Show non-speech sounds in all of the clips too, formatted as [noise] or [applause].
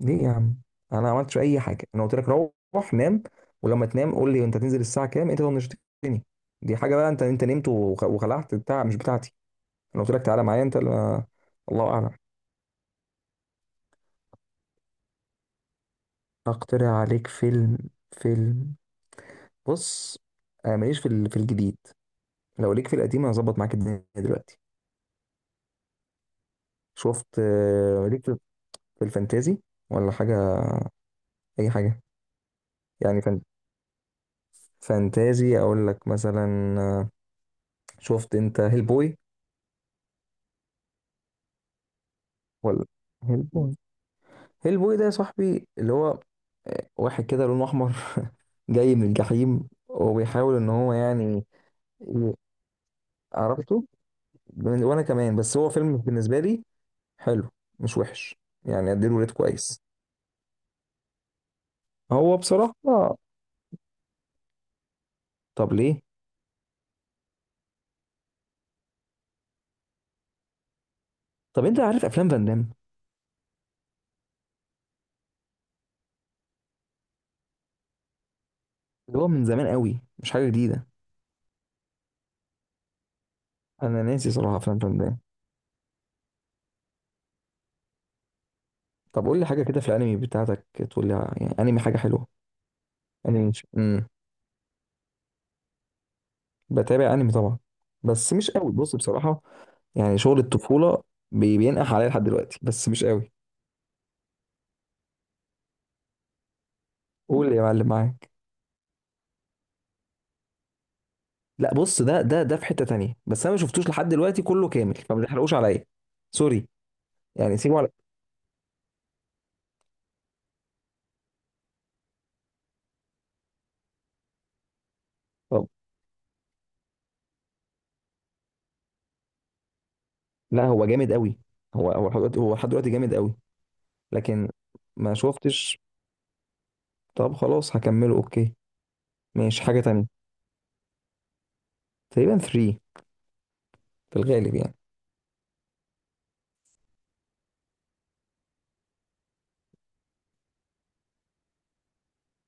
ليه يا عم؟ انا ما عملتش اي حاجه، انا قلت لك روح نام. ولما تنام قول لي انت تنزل الساعه كام؟ انت طنشتني. دي حاجه بقى. انت نمت وخلعت بتاع مش بتاعتي. انا قلت لك تعالى معايا، انت اللي... الله اعلم. اقترح عليك فيلم. فيلم. بص، انا ماليش في في الجديد. لو ليك في القديم انا هظبط معاك الدنيا دلوقتي. شفت، ليك في الفانتازي ولا حاجه؟ اي حاجه، يعني فان... فانتازي اقول لك مثلا. آه، شفت انت هيل بوي ولا؟ هيل بوي. هيل بوي ده يا صاحبي اللي هو واحد كده لونه احمر، [laughs] جاي من الجحيم وبيحاول ان هو يعني. ي- عرفته. وانا كمان، بس هو فيلم بالنسبه لي حلو، مش وحش. يعني اديله ريت كويس. هو بصراحه، طب ليه؟ طب انت عارف افلام فان دام؟ اللي هو من زمان قوي، مش حاجه جديده. انا ناسي صراحه افلام فان دام. طب قول لي حاجه كده في الانمي بتاعتك. تقول لي يعني انمي حاجه حلوه. انمي. امم بتابع انمي طبعا، بس مش قوي بص بصراحه. يعني شغل الطفولة بينقح عليا لحد دلوقتي، بس مش قوي. قول يا معلم معاك. لا بص، ده في حتة تانية، بس انا ما شفتوش لحد دلوقتي كله كامل، فما تحرقوش عليا. سوري. يعني سيبه على. طب لا، هو جامد قوي. هو لحد دلوقتي، هو لحد دلوقتي جامد قوي. لكن ما شفتش. طب خلاص هكمله، اوكي. ماشي حاجة تانية. تقريبا 3، في الغالب يعني.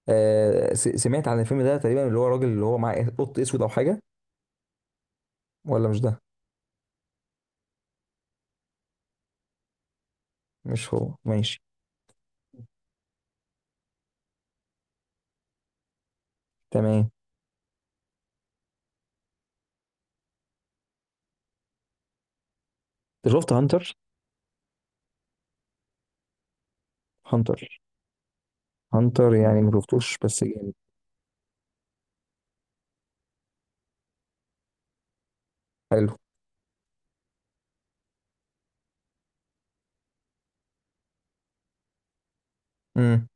سمعت عن الفيلم ده تقريبا، اللي هو راجل اللي هو معاه قط اسود او حاجة. ولا مش ده. مش هو، ماشي. تمام. أنت شفت هانتر؟ هانتر. هانتر يعني ما شفتوش بس جامد. حلو. امم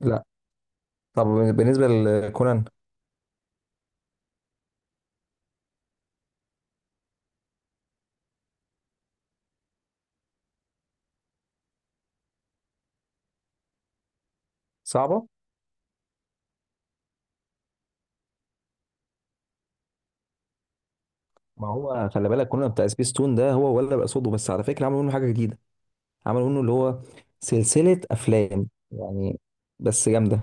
لا. طب بالنسبه لكونان؟ صعبه. ما هو خلي بالك كونان بتاع سبيس تون، ده هو ولا بقى صوته بس؟ على فكره عملوا منه حاجه جديده. عملوا منه اللي هو سلسله افلام يعني، بس جامده.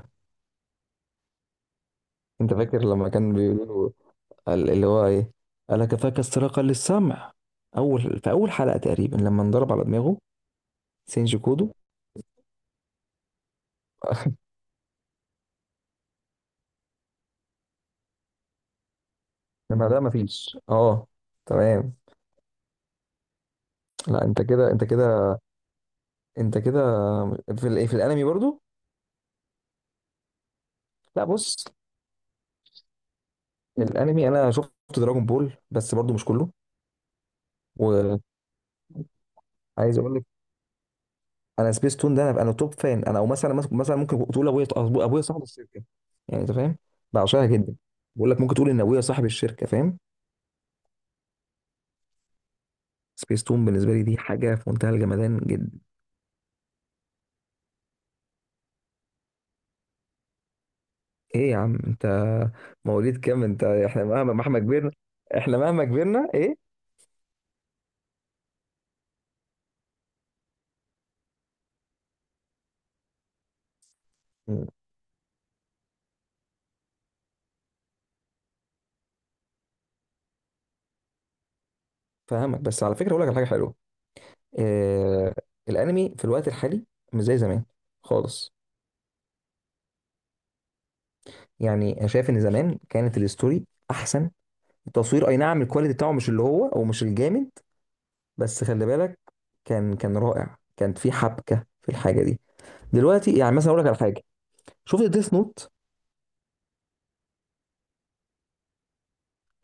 انت فاكر لما كان بيقولوا له اللي هو ايه، الا كفاك استراقا للسمع؟ اول في اول حلقه تقريبا لما انضرب على دماغه. سينجي كودو. [laughs] لما ده مفيش تمام. لا انت كده، انت كده، انت كده في الايه، في الانمي برضو. لا بص، الانمي انا شفت دراجون بول، بس برضو مش كله. وعايز اقول لك، انا سبيس تون ده انا توب فان انا. او مثلا ممكن تقول ابويا ابويا صاحب الشركه. يعني انت فاهم، بعشقها جدا. بقول لك ممكن تقول ان ابويا صاحب الشركه، فاهم؟ سبيس تون بالنسبه لي دي حاجه في منتهى الجمدان جدا. ايه يا عم انت؟ مواليد كام انت؟ احنا مهما مهما كبرنا، احنا مهما كبرنا ايه. مم. فاهمك. بس على فكره اقول لك على حاجه حلوه. إيه؟ الانمي في الوقت الحالي مش زي زمان خالص. يعني انا شايف ان زمان كانت الستوري احسن. التصوير اي نعم الكواليتي بتاعه مش اللي هو، او مش الجامد، بس خلي بالك، كان رائع، كانت في حبكه في الحاجه دي. دلوقتي يعني مثلا اقول لك على حاجه. شفت ديث نوت؟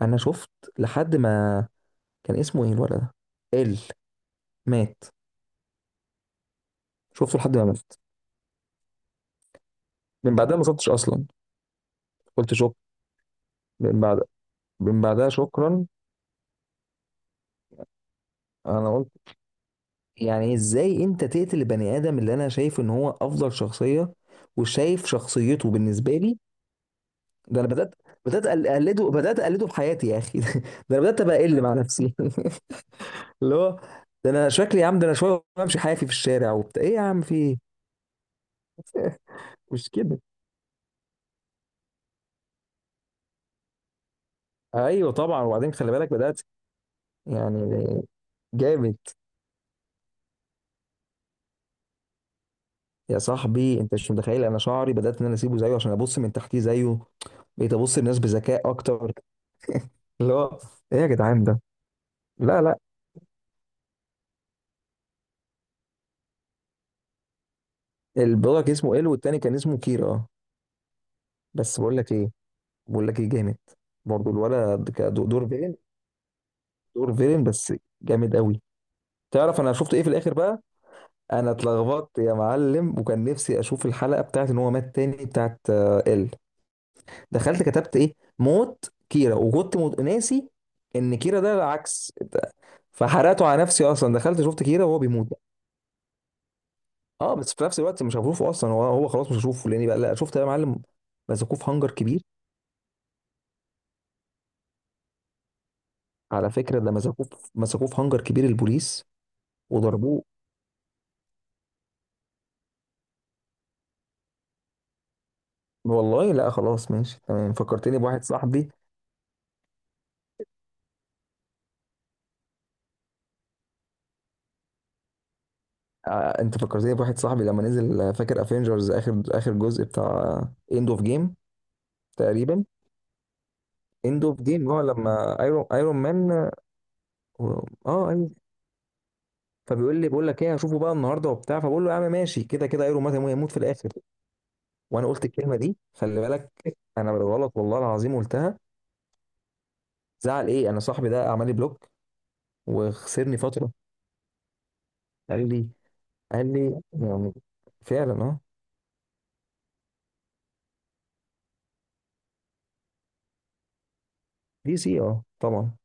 انا شفت لحد ما، كان اسمه ايه الولد ده، ال، مات. شفته لحد ما مات. من بعدها ما شفتش اصلا. قلت شك. من بعد، من بعدها شكرا. انا قلت يعني ازاي انت تقتل البني ادم اللي انا شايف ان هو افضل شخصيه، وشايف شخصيته بالنسبه لي. ده انا بدات اقلده، بدات اقلده في حياتي يا اخي. [laughs] ده انا بدات ابقى اقل مع نفسي. [laughs] اللي هو، ده انا شكلي يا عم، ده انا شويه بمشي حافي في الشارع وبتاع، ايه يا عم في ايه؟ مش كده؟ ايوه طبعا. وبعدين خلي بالك بدات، يعني، جامد. يا صاحبي انت مش متخيل، انا شعري بدات ان انا اسيبه زيه عشان ابص من تحتيه زيه. بقيت ابص للناس بذكاء اكتر، اللي هو، ايه يا جدعان ده. لا لا. البرودكت اسمه ال، والتاني كان اسمه كيرا، اه. بس بقول لك ايه، بقول لك ايه جامد، برضه الولد كدور، دور فيلن بس جامد قوي. تعرف انا شفت ايه في الاخر بقى؟ انا اتلخبطت يا معلم، وكان نفسي اشوف الحلقه بتاعت ان هو مات تاني، بتاعت ال. دخلت كتبت ايه موت كيرا، وكنت ناسي ان كيرا ده العكس فحرقته على نفسي. اصلا دخلت شفت كيرا وهو بيموت بقى. اه بس في نفس الوقت مش هشوفه اصلا، هو خلاص مش هشوفه لاني بقى لا، شفت يا معلم؟ مسكوه في هانجر كبير. على فكره ده مسكوه مسكوه في هانجر كبير البوليس، وضربوه. والله لا. خلاص ماشي تمام، فكرتني بواحد صاحبي. انت فكرتني بواحد صاحبي لما نزل، فاكر افنجرز اخر اخر جزء بتاع اند اوف جيم، تقريبا. اند اوف جيم، هو لما ايرون مان، اه، ايوه، فبيقول لي بقول لك ايه هشوفه بقى النهارده وبتاع، فبقول له يا عم ماشي كده كده ايرون مان هيموت في الاخر. وانا قلت الكلمه دي، خلي بالك انا بالغلط والله العظيم قلتها. زعل ايه، انا صاحبي ده عمل لي بلوك وخسرني فتره. قال لي، قال لي يعني. فعلا اه. دي سي، اه طبعا.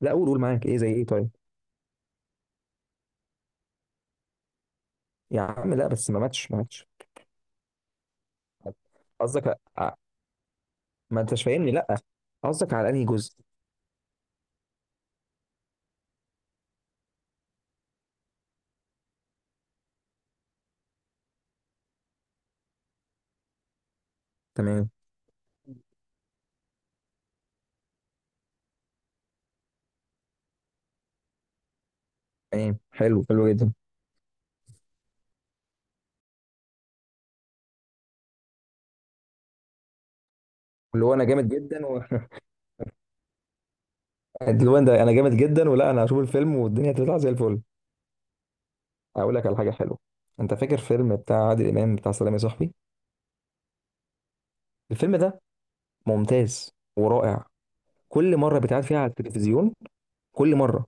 لا قول قول معاك. ايه زي ايه طيب؟ يا عم لا، بس ما ماتش ما ماتش. قصدك ما انتش فاهمني لا. قصدك على انهي جزء؟ تمام. تمام، حلو، حلو جدا. اللي هو انا جامد جدا و... [laughs] اللي هو ده انا جامد جدا، ولا انا هشوف الفيلم والدنيا هتطلع زي الفل؟ اقول لك على حاجه حلوه، انت فاكر فيلم بتاع عادل امام بتاع سلام يا صاحبي؟ الفيلم ده ممتاز ورائع. كل مره بتقعد فيها على التلفزيون، كل مره،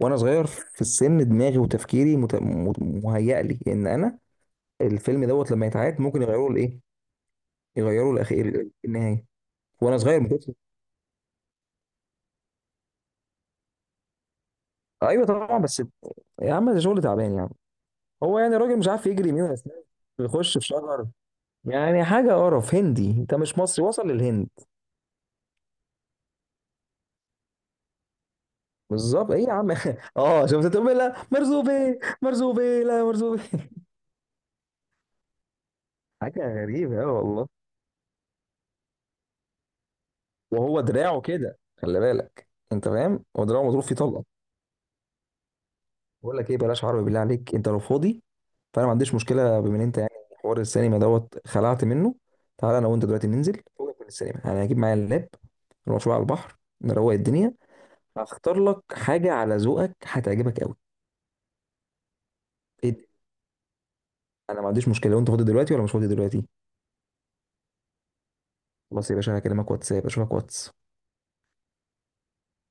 وانا صغير في السن دماغي وتفكيري مهيأ لي ان انا الفيلم دوت لما يتعاد ممكن يغيروا الايه، يغيروا الاخير النهايه. وانا صغير. ايوه طبعا، بس يا عم ده شغل تعبان يعني. هو يعني راجل مش عارف يجري يمين ولا شمال، بيخش في شجر، يعني حاجه قرف هندي. انت مش مصري، وصل للهند. بالظبط، ايه يا عم؟ [laughs] اه شفت، تقول لا مرزوبي، مرزوبي، لا مرزوبي. [laughs] حاجه غريبه، اه والله. وهو دراعه كده خلي بالك انت فاهم، هو دراعه مضروب فيه طلقه. بقول لك ايه، بلاش عربي بالله عليك، انت لو فاضي فانا ما عنديش مشكله بما ان انت يعني حوار السينما دوت خلعت منه. تعالى انا وانت دلوقتي ننزل فوقك من السينما، انا هجيب معايا اللاب، نروح شويه على البحر نروق الدنيا. هختار لك حاجه على ذوقك هتعجبك قوي. ايه ده؟ انا ما عنديش مشكله لو انت فاضي دلوقتي ولا مش فاضي دلوقتي. خلاص يا باشا هكلمك واتساب، اشوفك واتس